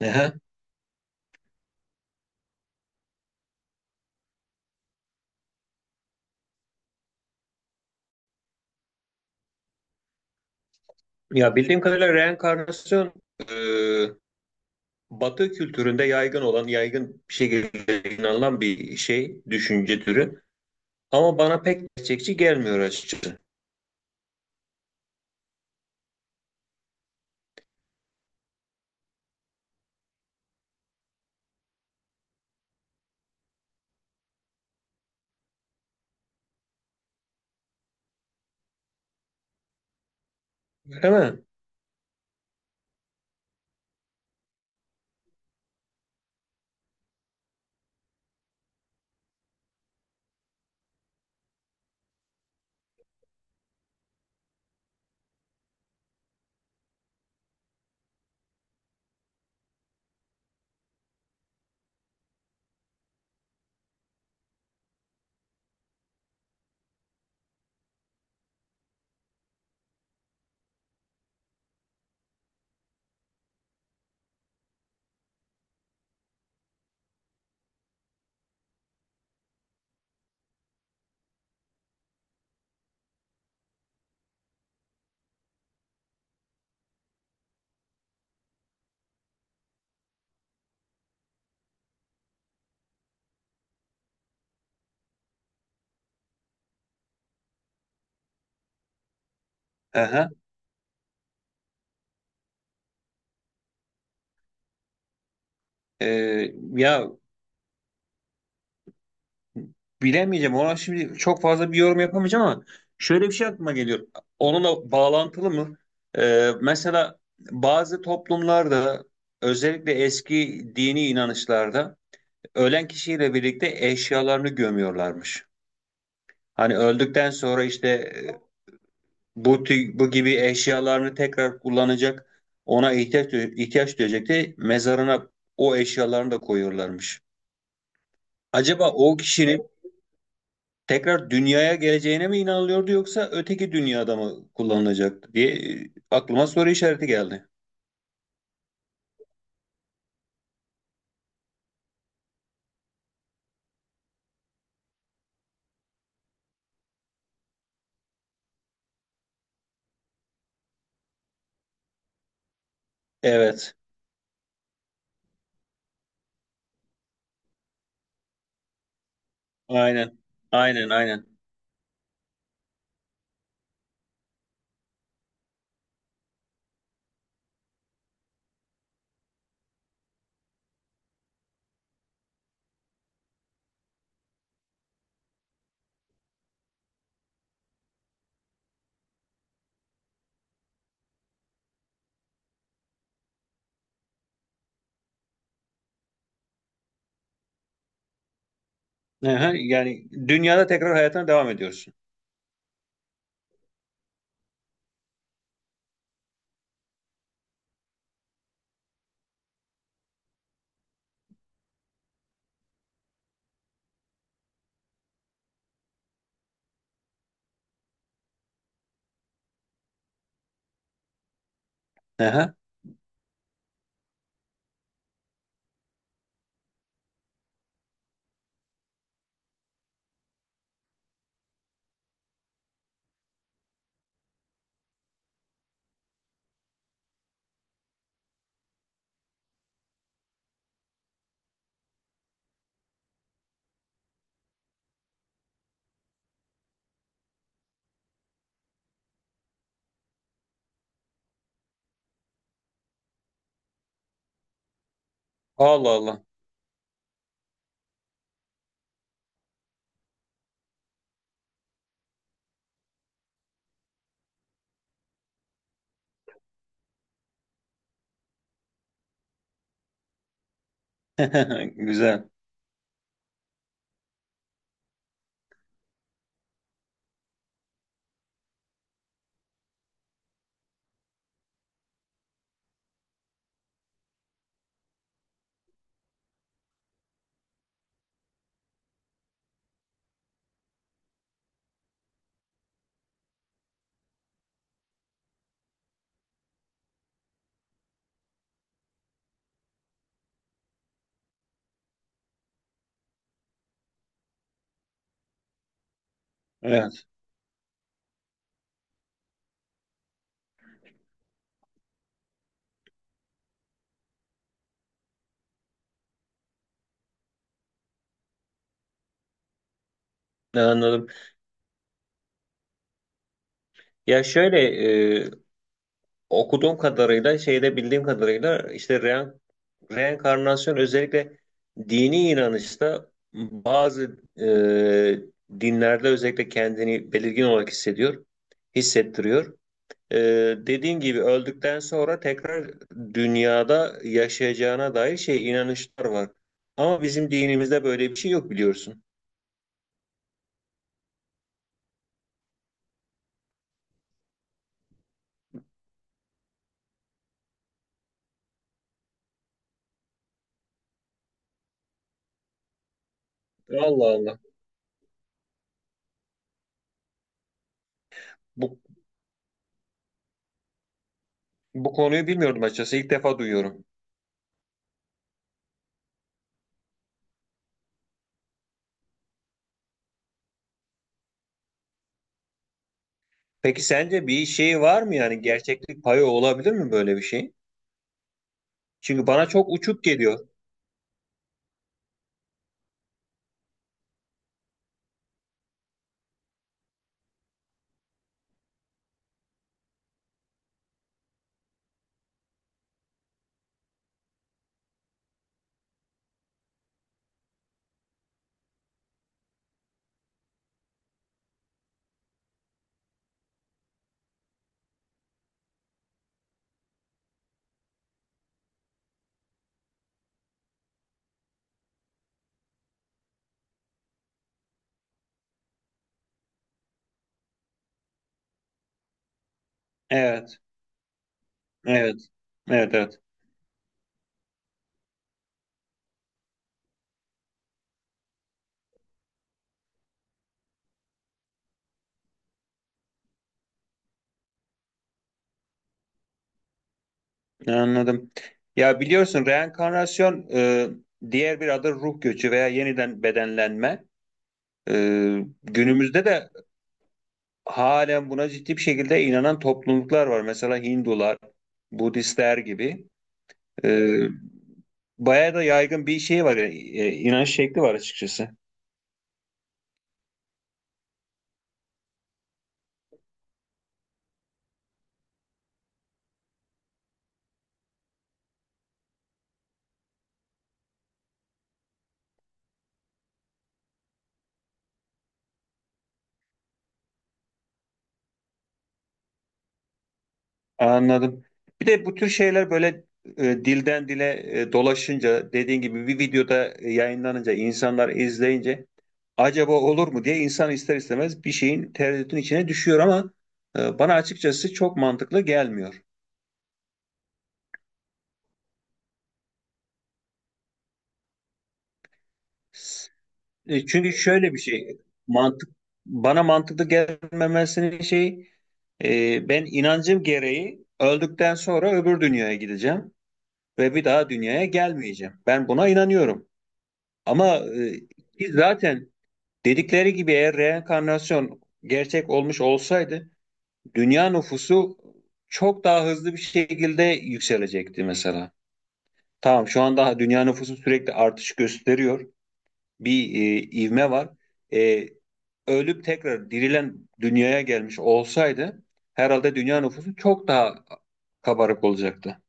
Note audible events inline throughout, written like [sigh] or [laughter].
Ehe. Ya bildiğim kadarıyla reenkarnasyon e, Batı kültüründe yaygın olan, yaygın bir şekilde inanılan bir şey, düşünce türü. Ama bana pek gerçekçi gelmiyor açıkçası. Değil mi? Aha. E, ya bilemeyeceğim. Ona şimdi çok fazla bir yorum yapamayacağım ama şöyle bir şey aklıma geliyor. Onunla bağlantılı mı? E, mesela bazı toplumlarda özellikle eski dini inanışlarda ölen kişiyle birlikte eşyalarını gömüyorlarmış. Hani öldükten sonra işte e, bu gibi eşyalarını tekrar kullanacak, ona ihtiyaç duyacak diye mezarına o eşyalarını da koyuyorlarmış. Acaba o kişinin tekrar dünyaya geleceğine mi inanılıyordu yoksa öteki dünyada mı kullanılacaktı diye aklıma soru işareti geldi. Evet. Aynen. Aynen, aynen. Aha, yani dünyada tekrar hayatına devam ediyorsun. Aha. Allah Allah. [laughs] Güzel. Evet, anladım. Ya şöyle e, Okuduğum kadarıyla, şeyde bildiğim kadarıyla işte reenkarnasyon özellikle dini inanışta bazı dinlerde özellikle kendini belirgin olarak hissediyor, hissettiriyor. E, dediğin gibi öldükten sonra tekrar dünyada yaşayacağına dair şey inanışlar var. Ama bizim dinimizde böyle bir şey yok biliyorsun. Allah Allah. Bu, bu konuyu bilmiyordum açıkçası. İlk defa duyuyorum. Peki sence bir şey var mı, yani gerçeklik payı olabilir mi böyle bir şey? Çünkü bana çok uçuk geliyor. Evet, evet, evet, evet. Anladım. Ya biliyorsun reenkarnasyon, diğer bir adı ruh göçü veya yeniden bedenlenme. E, günümüzde de halen buna ciddi bir şekilde inanan topluluklar var. Mesela Hindular, Budistler gibi. E, bayağı da yaygın bir şey var, inanç şekli var açıkçası. Anladım. Bir de bu tür şeyler böyle dilden dile dolaşınca, dediğin gibi bir videoda yayınlanınca, insanlar izleyince acaba olur mu diye insan ister istemez bir şeyin, tereddütün içine düşüyor. Ama bana açıkçası çok mantıklı gelmiyor. E, çünkü şöyle bir şey, mantık, bana mantıklı gelmemesinin şey, ben inancım gereği öldükten sonra öbür dünyaya gideceğim ve bir daha dünyaya gelmeyeceğim. Ben buna inanıyorum. Ama ki zaten dedikleri gibi eğer reenkarnasyon gerçek olmuş olsaydı dünya nüfusu çok daha hızlı bir şekilde yükselecekti mesela. Tamam, şu an daha dünya nüfusu sürekli artış gösteriyor. Bir ivme var. E, ölüp tekrar dirilen dünyaya gelmiş olsaydı herhalde dünya nüfusu çok daha kabarık olacaktı.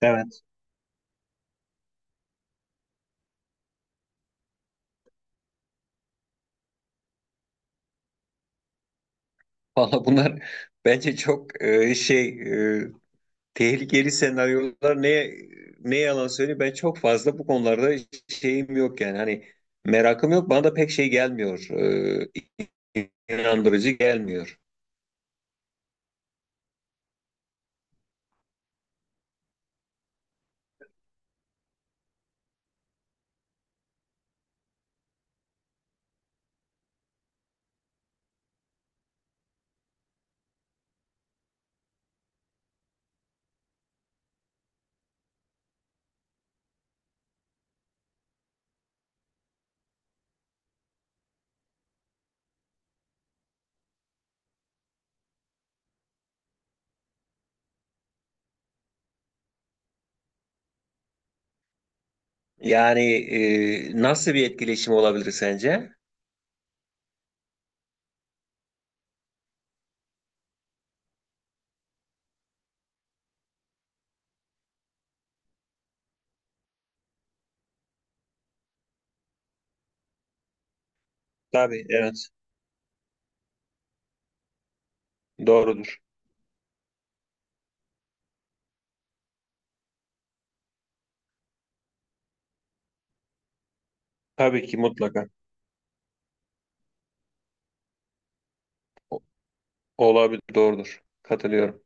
Evet. Valla bunlar [laughs] bence çok e, tehlikeli senaryolar. Ne yalan söyleyeyim, ben çok fazla bu konularda şeyim yok, yani hani merakım yok, bana da pek şey gelmiyor, inandırıcı gelmiyor. Yani nasıl bir etkileşim olabilir sence? Tabii, evet, doğrudur. Tabii ki mutlaka O- olabilir, doğrudur. Katılıyorum.